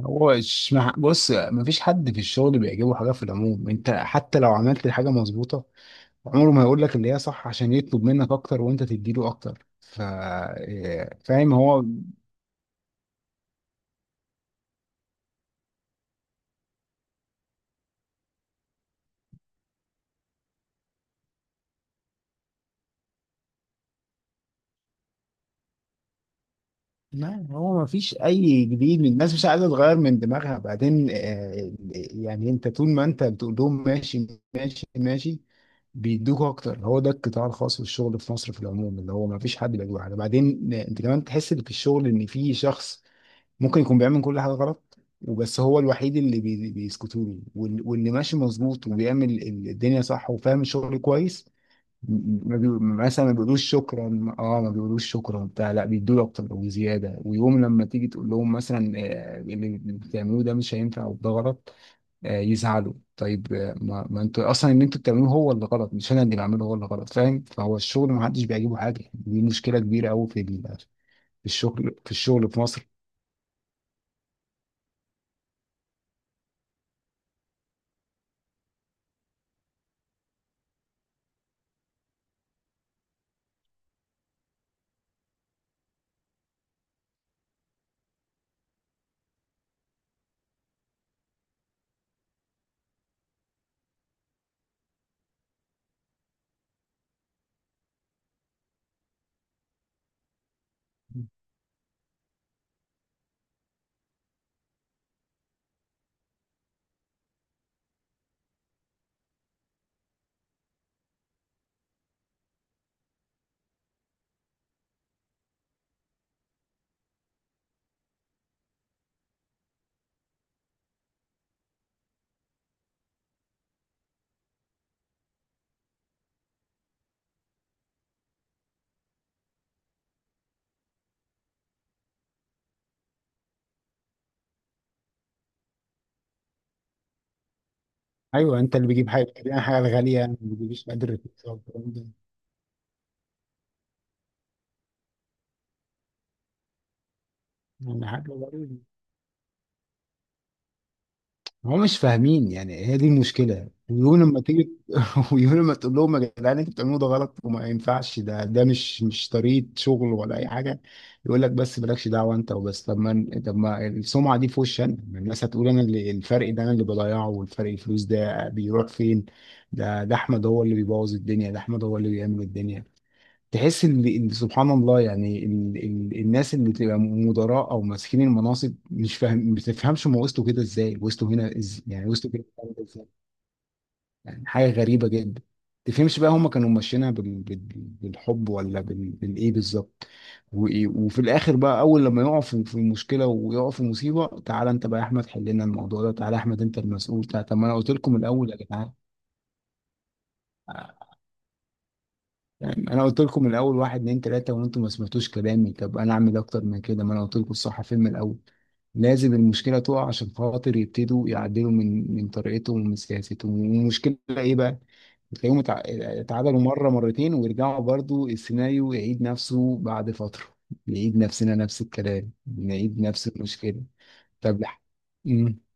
هو مش مع... بص، مفيش حد في الشغل بيعجبه حاجه في العموم. انت حتى لو عملت الحاجه مظبوطه، عمره ما هيقول لك اللي هي صح، عشان يطلب منك اكتر وانت تديله اكتر. ف فاهم هو. ما هو مفيش اي جديد، من الناس مش عايزه تغير من دماغها. بعدين يعني انت طول ما انت بتقول لهم ماشي ماشي ماشي، بيدوك اكتر. هو ده القطاع الخاص في الشغل في مصر في العموم، اللي هو مفيش حد بيعجبه حاجه. بعدين انت كمان تحس ان في الشغل، ان في شخص ممكن يكون بيعمل كل حاجة غلط وبس، هو الوحيد اللي بيسكتوا له، واللي ماشي مظبوط وبيعمل الدنيا صح وفاهم الشغل كويس، م- ما بي... مثلا ما بيقولوش شكرا. اه ما بيقولوش شكرا بتاع، لا بيدوا اكتر وزياده. ويوم لما تيجي تقول لهم مثلا اللي بتعملوه ده مش هينفع وده غلط، يزعلوا. طيب ما انتوا اصلا اللي انتوا بتعملوه هو اللي غلط، مش انا اللي بعمله هو اللي غلط، فاهم. فهو الشغل ما حدش بيعجبه حاجه، دي مشكله كبيره قوي في الشغل في مصر. ايوه، انت اللي بيجيب حاجه، يعني حاجه غاليه، ما بيجيبش قدر الرخيص أو الكلام ده، يعني حاجه غريبه. هم مش فاهمين، يعني هي دي المشكله. ويقول لما تيجي ويقول لما تقول لهم يا جدعان انتوا بتعملوه ده غلط وما ينفعش، ده مش طريقه شغل ولا اي حاجه، يقول لك بس مالكش دعوه انت وبس. طب ما السمعه دي في وشي انا، ما الناس هتقول انا اللي الفرق ده انا اللي بضيعه، والفرق الفلوس ده بيروح فين؟ ده احمد هو اللي بيبوظ الدنيا، ده احمد هو اللي بيعمل الدنيا. تحس ان سبحان الله، يعني الناس اللي بتبقى مدراء او ماسكين المناصب، مش فاهم ما بتفهمش هم وصلوا كده ازاي، وصلوا هنا يعني وصلوا كده ازاي، يعني حاجه غريبه جدا. ما تفهمش بقى هم كانوا ماشيينها بالحب ولا بالايه بالظبط؟ وإيه، وفي الاخر بقى، اول لما يقعوا في مشكله ويقعوا في مصيبه، تعالى انت بقى يا احمد حل لنا الموضوع ده، تعالى يا احمد انت المسؤول، تعالى. طب ما انا قلت لكم من الاول يا جدعان، يعني انا قلت لكم من الاول واحد اتنين تلاته وانتم ما سمعتوش كلامي. طب انا اعمل اكتر من كده؟ ما انا قلت لكم الصح فين من الاول. لازم المشكله تقع عشان خاطر يبتدوا يعدلوا من طريقتهم ومن سياستهم، والمشكله ايه بقى؟ بتلاقيهم اتعادلوا مره مرتين ويرجعوا برضو، السيناريو يعيد نفسه بعد فتره. نعيد نفسنا، نفس الكلام، نعيد نفس المشكله. طب لح امم،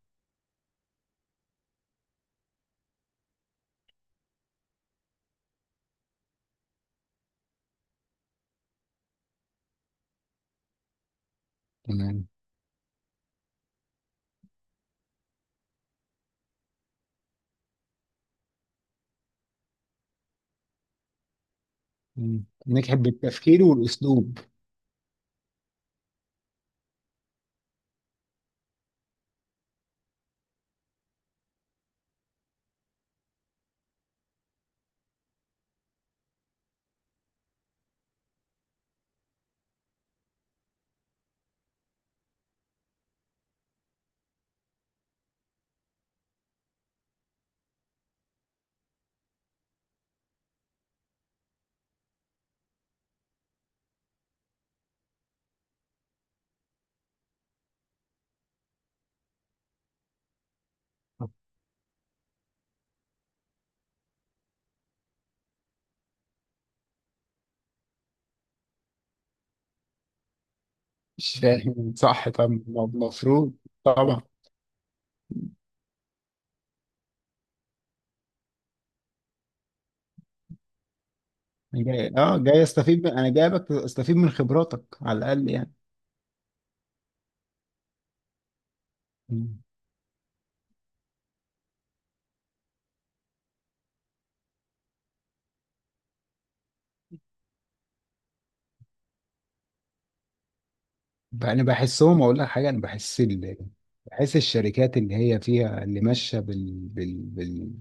تمام. مم. نجحت بالتفكير والاسلوب. مش فاهم صح، طب المفروض طبعا. أنا جاي استفيد انا جايبك استفيد من خبراتك على الاقل يعني. مم. انا بحسهم، اقول لك حاجه، بحس الشركات اللي هي فيها، اللي ماشيه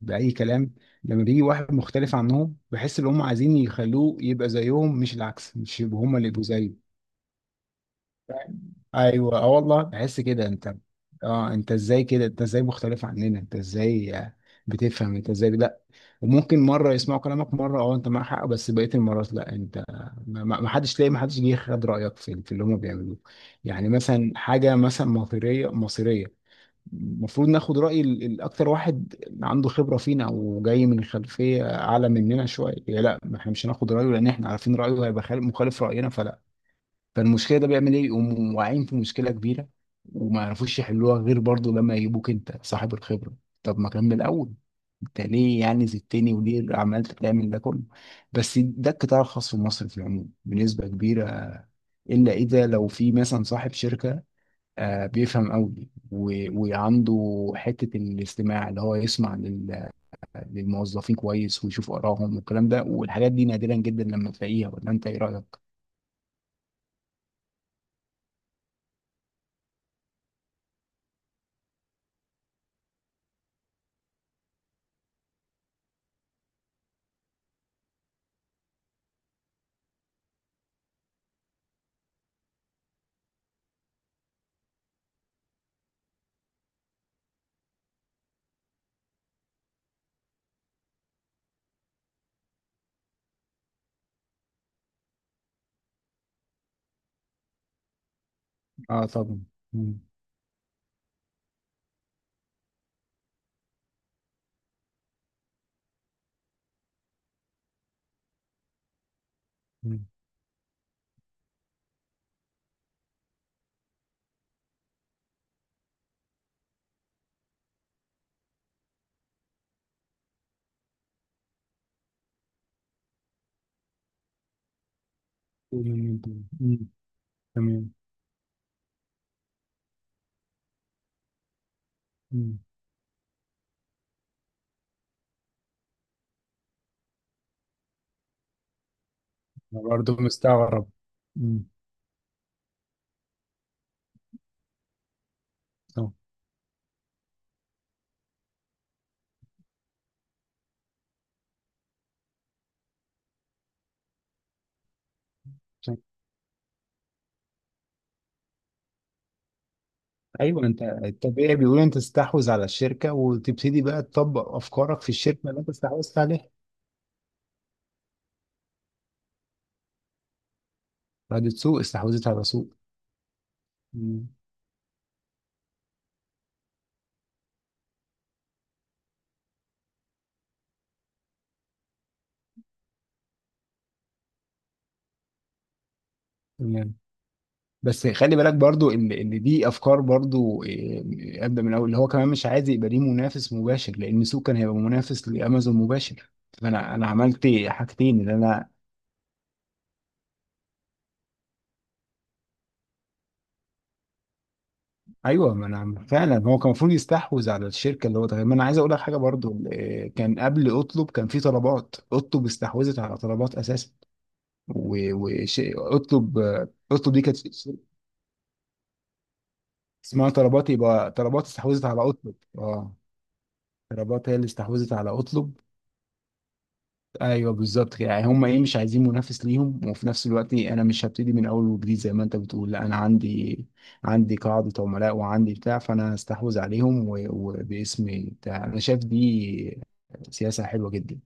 باي كلام، لما بيجي واحد مختلف عنهم، بحس ان هم عايزين يخلوه يبقى زيهم، مش العكس، مش يبقوا هم اللي يبقوا زيه. ايوه، اه والله بحس كده. انت اه، انت ازاي كده، انت ازاي مختلف عننا، انت ازاي بتفهم، انت ازاي؟ لا. وممكن مره يسمعوا كلامك، مره اه انت معاك حق، بس بقيه المرات لا. انت ما حدش تلاقي ما حدش جه خد رايك في اللي هم بيعملوه، يعني مثلا حاجه مثلا مصيريه مصيريه، المفروض ناخد راي الاكتر واحد عنده خبره فينا وجاي من خلفيه اعلى مننا شويه. لا، ما احنا مش هناخد رايه لان احنا عارفين رايه هيبقى مخالف راينا، فلا. فالمشكله ده بيعمل ايه، يقوموا واقعين في مشكله كبيره وما يعرفوش يحلوها غير برضه لما يجيبوك انت صاحب الخبره. طب ما كان من الاول، انت ليه يعني زدتني وليه تعمل ده كله؟ بس ده القطاع الخاص في مصر في العموم بنسبه كبيره، الا اذا لو في مثلا صاحب شركه بيفهم قوي وعنده حته الاستماع، اللي هو يسمع للموظفين كويس ويشوف ارائهم والكلام ده والحاجات دي، نادرا جدا لما تلاقيها. ولا انت ايه رايك؟ اه طبعا. مم. مم. طول المدة. مم. تمام. مم. أنا برضه مستغرب. مم. آه. أيوه، أنت الطبيعي بيقول أنت تستحوذ على الشركة وتبتدي بقى تطبق أفكارك في الشركة اللي أنت استحوذت عليها. بعد سوق، استحوذت على سوق. مم. تمام. بس خلي بالك برضو ان دي افكار برضو ابدا من الاول، اللي هو كمان مش عايز يبقى ليه منافس مباشر، لان سوق كان هيبقى منافس لامازون مباشر. فانا عملت حاجتين، اللي انا. ايوه، ما انا فعلا هو كان المفروض يستحوذ على الشركه اللي هو ده. ما انا عايز اقول لك حاجه برضو، كان قبل اطلب كان في طلبات. اطلب استحوذت على طلبات اساسا، وش اطلب، اطلب دي كانت اسمها طلبات. يبقى طلبات استحوذت على اطلب، اه. طلبات هي اللي استحوذت على اطلب. ايوه بالظبط كده، يعني هم ايه مش عايزين منافس ليهم، وفي نفس الوقت انا مش هبتدي من اول وجديد زي ما انت بتقول، لا انا عندي قاعده عملاء وعندي بتاع، فانا هستحوذ عليهم وباسمي بتاع. انا شايف دي سياسه حلوه جدا.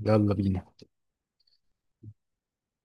يلا بينا.